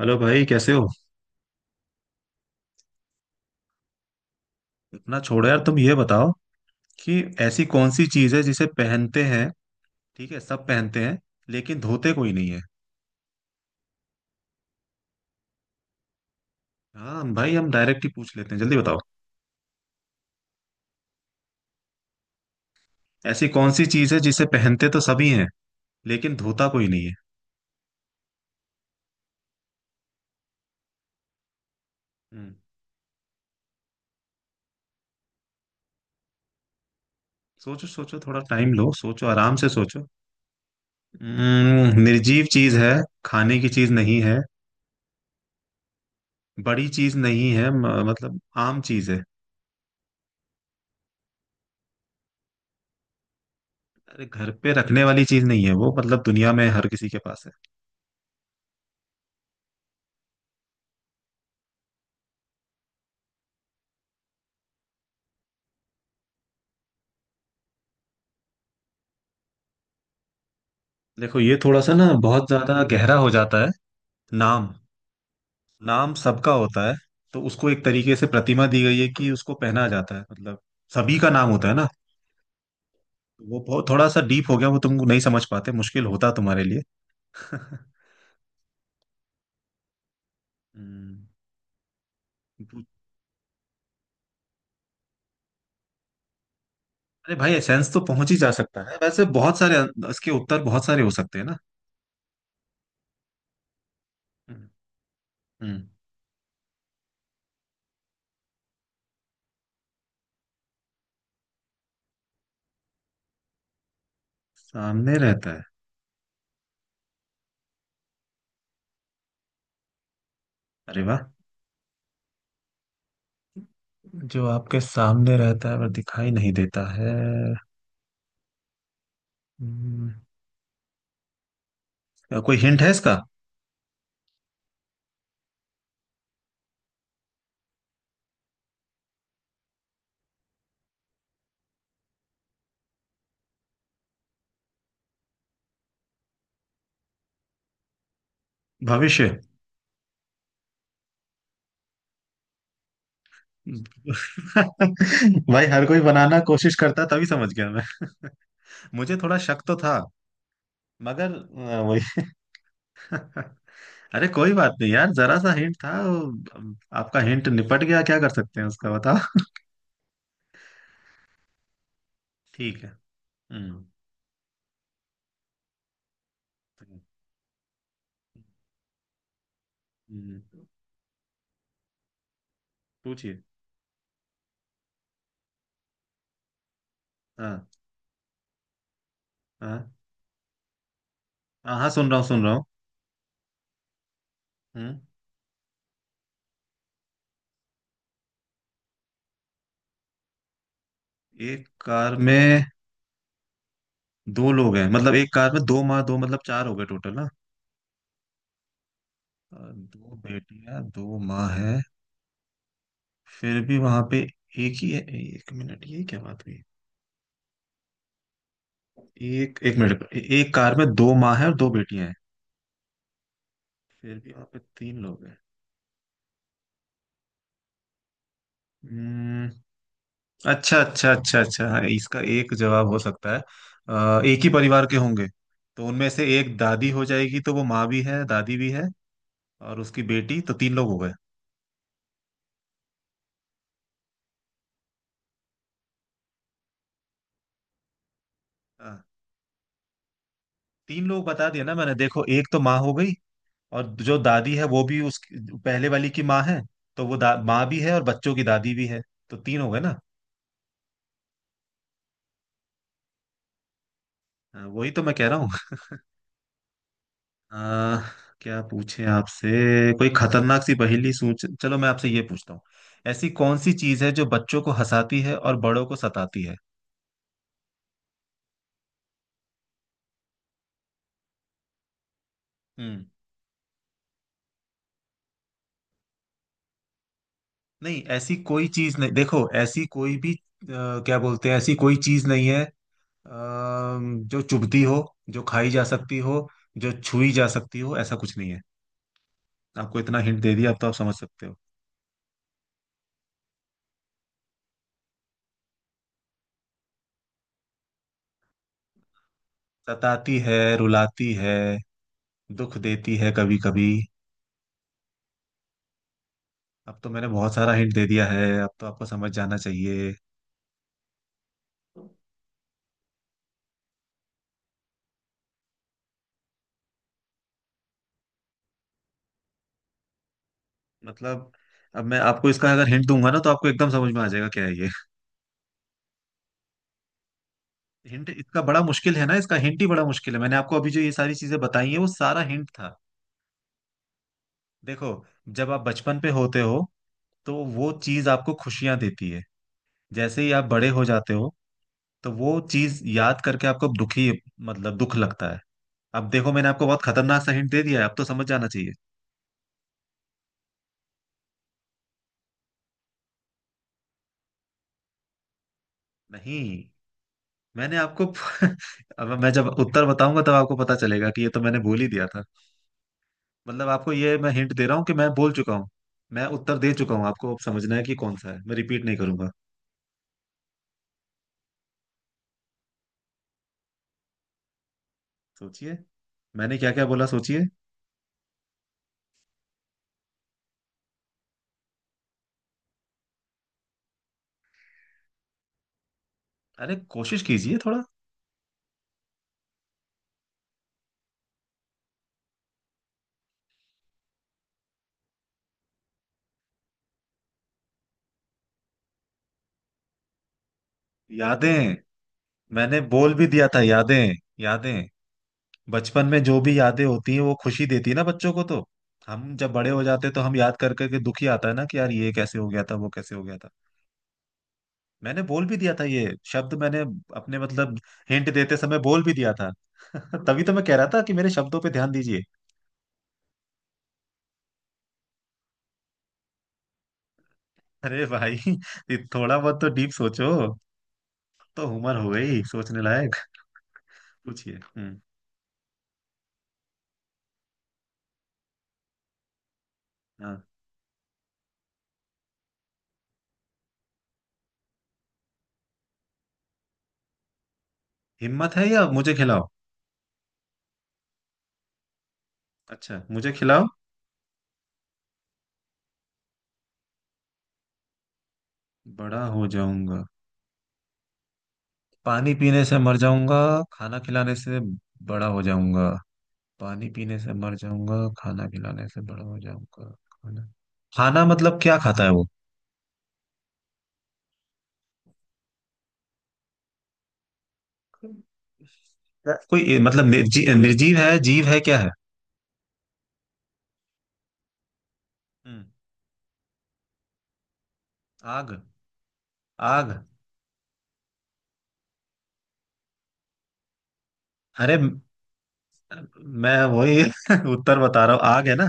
Hello भाई, कैसे हो। इतना छोड़ो यार, तुम ये बताओ कि ऐसी कौन सी चीज है जिसे पहनते हैं। ठीक है, सब पहनते हैं लेकिन धोते कोई नहीं है। हाँ भाई, हम डायरेक्ट ही पूछ लेते हैं, जल्दी बताओ। ऐसी कौन सी चीज है जिसे पहनते तो सभी हैं लेकिन धोता कोई नहीं है। हम्म। सोचो सोचो, थोड़ा टाइम लो, सोचो आराम से सोचो। निर्जीव चीज है। खाने की चीज नहीं है। बड़ी चीज नहीं है, मतलब आम चीज है। अरे, घर पे रखने वाली चीज नहीं है वो, मतलब दुनिया में हर किसी के पास है। देखो, ये थोड़ा सा ना बहुत ज्यादा गहरा हो जाता है। नाम। नाम सबका होता है, तो उसको एक तरीके से प्रतिमा दी गई है कि उसको पहना जाता है, मतलब सभी का नाम होता है ना। तो वो बहुत थोड़ा सा डीप हो गया, वो तुम नहीं समझ पाते, मुश्किल होता तुम्हारे लिए हम्म, पू- अरे भाई, एसेंस तो पहुंच ही जा सकता है, वैसे बहुत सारे इसके उत्तर बहुत सारे हो सकते हैं ना। हम्म। हम्म। सामने रहता है। अरे वाह। जो आपके सामने रहता है पर दिखाई नहीं देता है। हम्म, कोई हिंट है इसका? भविष्य। भाई, हर कोई बनाना कोशिश करता, तभी समझ गया मैं। मुझे थोड़ा शक तो था मगर वही अरे कोई बात नहीं यार, जरा सा हिंट था वो। आपका हिंट निपट गया, क्या कर सकते हैं उसका बताओ। ठीक है। हम्म। हम्म, पूछिए। हाँ हाँ। हाँ हाँ, सुन रहा हूँ सुन रहा हूँ। हम्म, एक कार में दो लोग हैं, मतलब एक कार में दो माँ दो, मतलब चार हो गए टोटल ना। अ, दो बेटियां दो माँ है। फिर भी वहां पे एक ही है, एक मिनट ये क्या बात हुई। एक एक मिनट, एक कार में दो माँ है और दो बेटियां हैं। फिर भी वहां पे तीन लोग हैं। हम्म। अच्छा अच्छा अच्छा अच्छा, हाँ, इसका एक जवाब हो सकता है। एक ही परिवार के होंगे। तो उनमें से एक दादी हो जाएगी, तो वो माँ भी है दादी भी है, और उसकी बेटी, तो तीन लोग हो गए। हाँ, तीन लोग बता दिया ना मैंने। देखो, एक तो माँ हो गई, और जो दादी है वो भी उस पहले वाली की माँ है। तो वो माँ भी है और बच्चों की दादी भी है। तो तीन हो गए ना। हाँ, वही तो मैं कह रहा हूँ। आ, क्या पूछे आपसे। कोई खतरनाक सी पहेली सोच, चलो मैं आपसे ये पूछता हूँ। ऐसी कौन सी चीज है जो बच्चों को हंसाती है और बड़ों को सताती है? हम्म। नहीं, ऐसी कोई चीज नहीं। देखो, ऐसी कोई भी क्या बोलते हैं, ऐसी कोई चीज नहीं है जो चुभती हो, जो खाई जा सकती हो, जो छुई जा सकती हो, ऐसा कुछ नहीं है। आपको इतना हिंट दे दिया, अब तो आप समझ सकते हो। सताती है, रुलाती है, दुख देती है कभी कभी। अब तो मैंने बहुत सारा हिंट दे दिया है, अब तो आपको समझ जाना चाहिए। मतलब, अब मैं आपको इसका अगर हिंट दूंगा ना, तो आपको एकदम समझ में आ जाएगा क्या है ये। हिंट इसका बड़ा मुश्किल है ना, इसका हिंट ही बड़ा मुश्किल है। मैंने आपको अभी जो ये सारी चीजें बताई हैं वो सारा हिंट था। देखो, जब आप बचपन पे होते हो तो वो चीज आपको खुशियां देती है। जैसे ही आप बड़े हो जाते हो, तो वो चीज याद करके आपको दुखी, मतलब दुख लगता है। अब देखो, मैंने आपको बहुत खतरनाक सा हिंट दे दिया है, अब तो समझ जाना चाहिए। नहीं, मैंने आपको अब मैं जब उत्तर बताऊंगा तब आपको पता चलेगा कि ये तो मैंने बोल ही दिया था। मतलब आपको ये मैं हिंट दे रहा हूँ कि मैं बोल चुका हूँ। मैं उत्तर दे चुका हूँ आपको, अब समझना है कि कौन सा है, मैं रिपीट नहीं करूंगा। सोचिए, मैंने क्या क्या बोला सोचिए। अरे कोशिश कीजिए थोड़ा। यादें। मैंने बोल भी दिया था, यादें। यादें। बचपन में जो भी यादें होती हैं वो खुशी देती है ना बच्चों को। तो हम जब बड़े हो जाते हैं तो हम याद कर करके दुखी आता है ना कि यार, ये कैसे हो गया था, वो कैसे हो गया था। मैंने बोल भी दिया था ये शब्द, मैंने अपने मतलब हिंट देते समय बोल भी दिया था तभी तो मैं कह रहा था कि मेरे शब्दों पे ध्यान दीजिए। अरे भाई, ये थोड़ा बहुत तो डीप सोचो, तो उम्र हो गई सोचने लायक। पूछिए। हम्म। हाँ। हिम्मत है या मुझे खिलाओ? अच्छा, मुझे खिलाओ। बड़ा हो जाऊंगा। पानी पीने से मर जाऊंगा, खाना खिलाने से बड़ा हो जाऊंगा। पानी पीने से मर जाऊंगा, खाना खिलाने से बड़ा हो जाऊंगा। खाना। खाना मतलब क्या खाता है वो? कोई, मतलब निर्जीव है, जीव है, क्या है? हम्म। आग। आग। अरे मैं वही उत्तर बता रहा हूँ, आग है ना।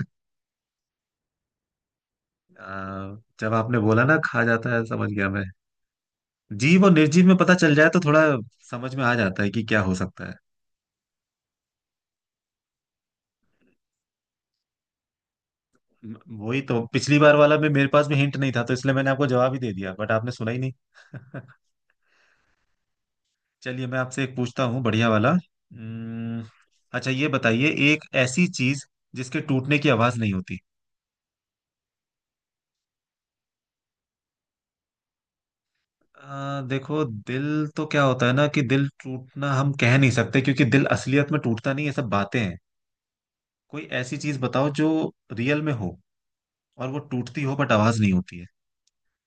जब आपने बोला ना खा जाता है, समझ गया मैं। जीव और निर्जीव में पता चल जाए तो थोड़ा समझ में आ जाता है कि क्या हो सकता है। म- वही तो पिछली बार वाला में मेरे पास में हिंट नहीं था, तो इसलिए मैंने आपको जवाब ही दे दिया, बट आपने सुना ही नहीं चलिए, मैं आपसे एक पूछता हूँ बढ़िया वाला। हम्म। अच्छा, ये बताइए एक ऐसी चीज जिसके टूटने की आवाज नहीं होती। देखो, दिल तो क्या होता है ना, कि दिल टूटना हम कह नहीं सकते, क्योंकि दिल असलियत में टूटता नहीं, ये सब बातें हैं। कोई ऐसी चीज बताओ जो रियल में हो और वो टूटती हो, बट आवाज नहीं होती है।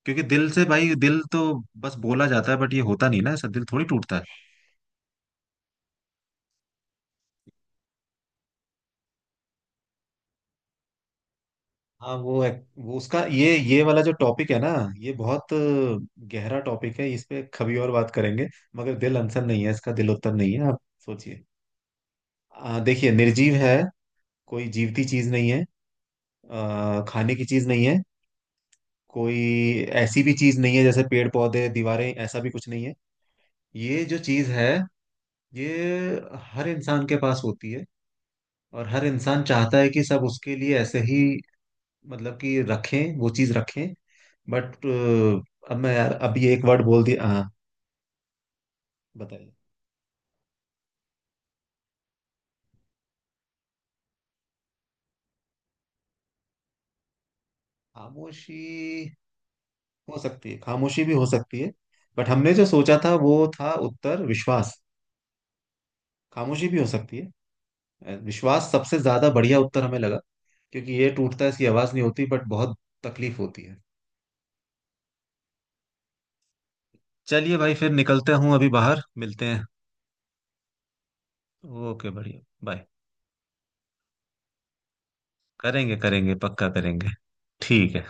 क्योंकि दिल से, भाई, दिल तो बस बोला जाता है, बट ये होता नहीं ना, ऐसा दिल थोड़ी टूटता है। हाँ, वो वो उसका ये वाला जो टॉपिक है ना। ये बहुत गहरा टॉपिक है, इस पे कभी और बात करेंगे। मगर दिल आंसर नहीं है इसका, दिल उत्तर नहीं है आप। सोचिए। देखिए, निर्जीव है, कोई जीवती चीज नहीं है। खाने की चीज नहीं है। कोई ऐसी भी चीज नहीं है जैसे पेड़ पौधे दीवारें, ऐसा भी कुछ नहीं है। ये जो चीज है, ये हर इंसान के पास होती है, और हर इंसान चाहता है कि सब उसके लिए ऐसे ही, मतलब कि रखें, वो चीज रखें। बट अब मैं यार अभी एक वर्ड बोल दिया, हाँ बताइए। खामोशी। हो सकती है खामोशी, भी हो सकती है, बट हमने जो सोचा था वो था उत्तर विश्वास। खामोशी भी हो सकती है। विश्वास सबसे ज्यादा बढ़िया उत्तर हमें लगा, क्योंकि ये टूटता है, इसकी आवाज नहीं होती, बट बहुत तकलीफ होती है। चलिए भाई, फिर निकलते हूँ, अभी बाहर मिलते हैं। ओके, बढ़िया, बाय। करेंगे करेंगे, पक्का करेंगे। ठीक है।